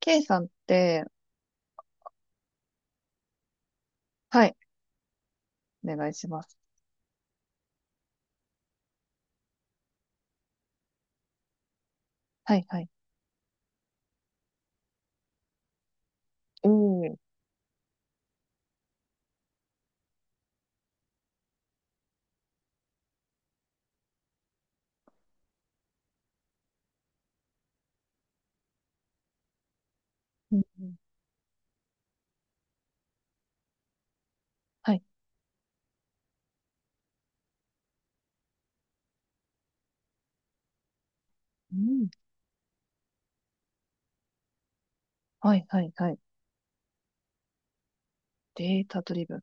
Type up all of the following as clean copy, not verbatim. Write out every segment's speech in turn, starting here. K さんって、はい、お願いします。はい、はい。うん。おー。うんうん、はい。うん。はい、はい、はい。データドリブン。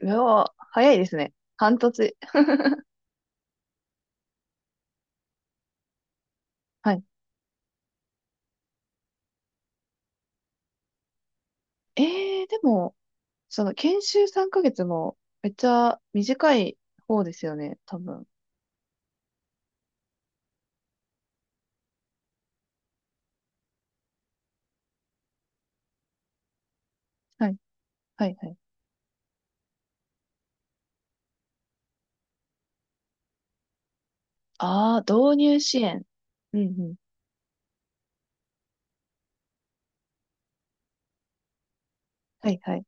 うわー、早いですね。半年。はい。でも、その研修3ヶ月もめっちゃ短い方ですよね、多分。はい、はい、はい。ああ、導入支援。うん、うん。はい、はい。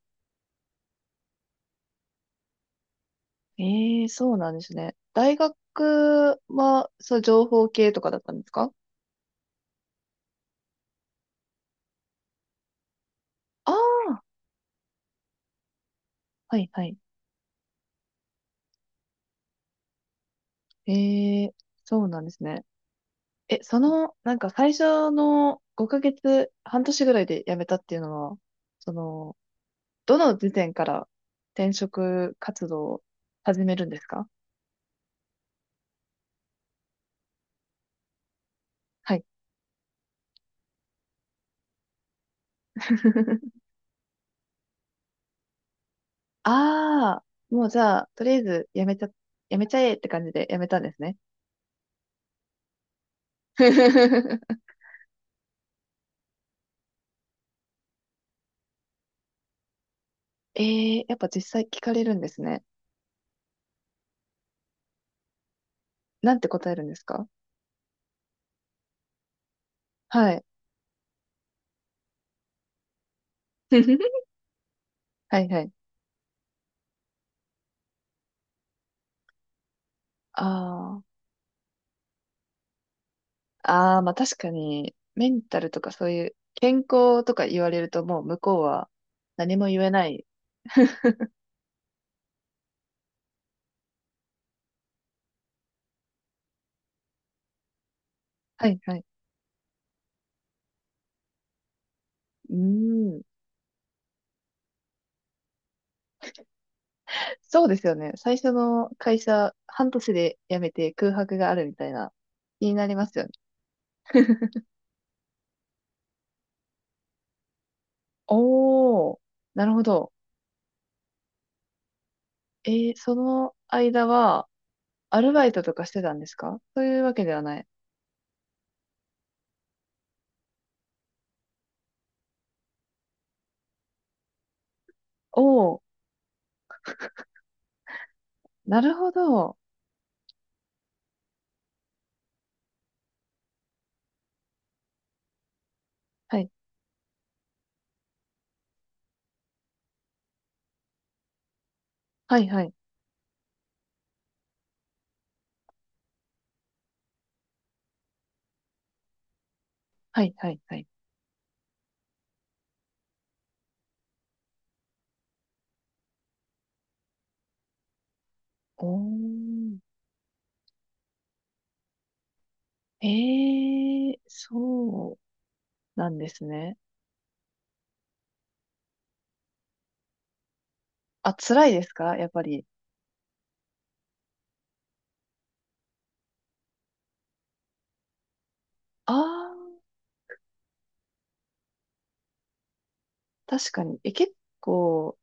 ええー、そうなんですね。大学は、そう、情報系とかだったんですか？ああー、はい、はい。ええ、そうなんですね。え、その、なんか最初の5ヶ月、半年ぐらいで辞めたっていうのは、その、どの時点から転職活動を始めるんですか？はい。ああ、もうじゃあ、とりあえず辞めちゃえって感じで辞めたんですね。ええ、やっぱ実際聞かれるんですね。なんて答えるんですか？はい。はいはい。ああ。ああ、まあ確かに、メンタルとかそういう健康とか言われるともう向こうは何も言えない。はいはい。うーん。そうですよね。最初の会社、半年で辞めて空白があるみたいな、気になりますよね。おー、なるほど。その間は、アルバイトとかしてたんですか？そういうわけではない。おー、なるほど。はい、はいはい、はいはいはい。おー。ええ、そうなんですね。あ、辛いですか、やっぱり？ああ、確かに。え、結構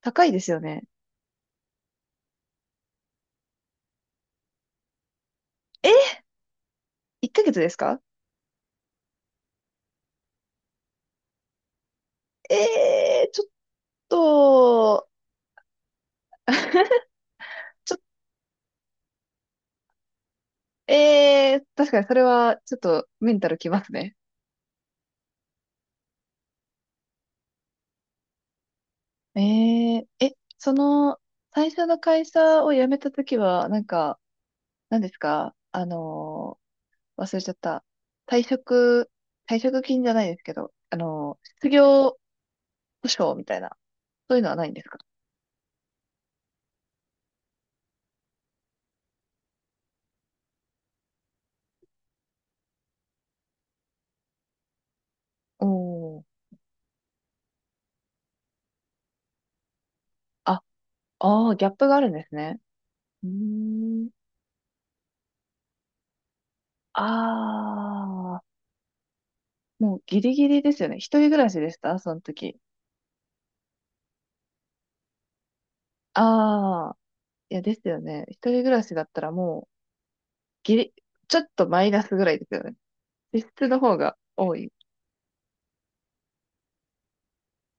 高いですよね。え、1ヶ月ですか？ちょっと、ちょっと、確かにそれはちょっとメンタルきますね。その、最初の会社を辞めたときは、なんか、何ですか？忘れちゃった。退職、退職金じゃないですけど、失業保障みたいな、そういうのはないんですか？おー。あ、ああ、ギャップがあるんですね。うーん。ああ、もうギリギリですよね。一人暮らしでしたその時？ああ、いや、ですよね。一人暮らしだったらもう、ギリ、ちょっとマイナスぐらいですよね。実質の方が多い。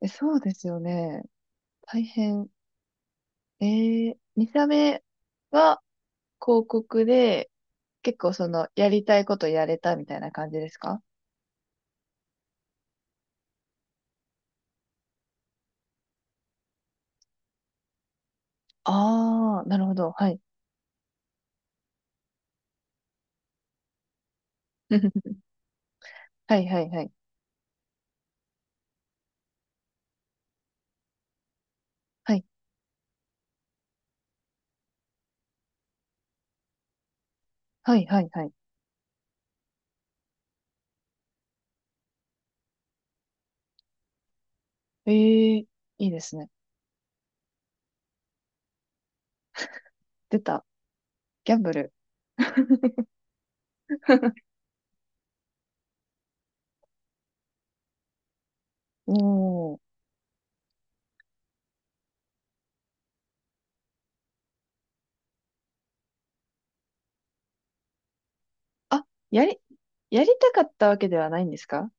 え、そうですよね。大変。2社目は広告で、結構その、やりたいことやれたみたいな感じですか？ああー、なるほど。はい。はいはいはい。はいはいはいはい。ええ、いいですね。出た。ギャンブル。おお。あ、やり、やりたかったわけではないんですか？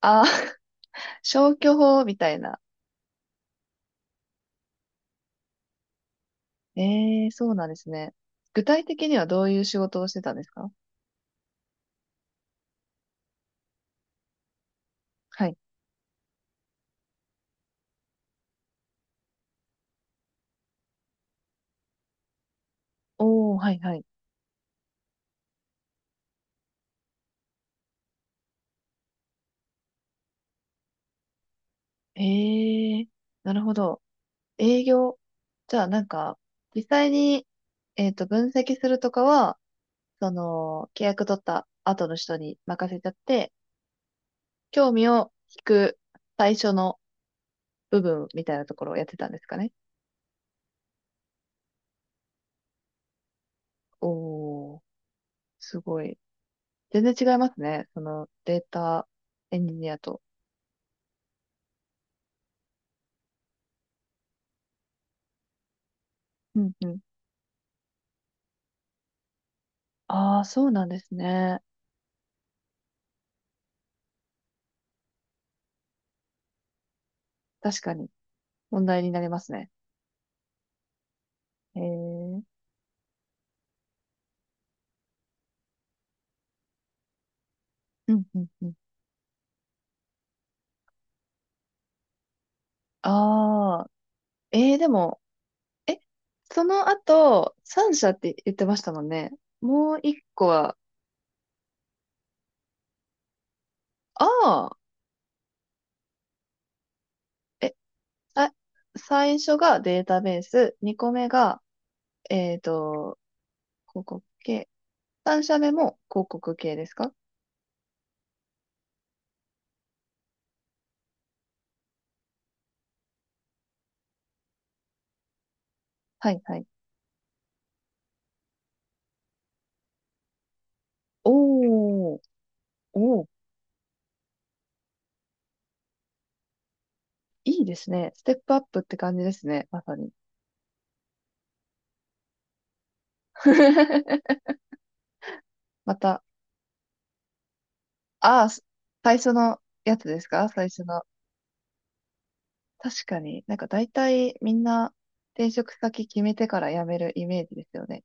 ああー、消去法みたいな。ええ、そうなんですね。具体的にはどういう仕事をしてたんですか？はい。おお、はいはい。ええ、なるほど。営業。じゃあなんか、実際に、分析するとかは、その、契約取った後の人に任せちゃって、興味を引く最初の部分みたいなところをやってたんですかね。おー、すごい。全然違いますね。そのデータエンジニアと。うんうん。ああ、そうなんですね。確かに問題になりますね。へえ。うんうんうん。ああ、でも、え、その後、3社って言ってましたもんね。もう一個は、ああ、え、さ最初がデータベース、2個目が、えっと、広告系、3社目も広告系ですか？はいはい。おー、おー、いいですね。ステップアップって感じですね。まさに。また、ああ、最初のやつですか？最初の？確かに、なんか大体みんな転職先決めてから辞めるイメージですよね。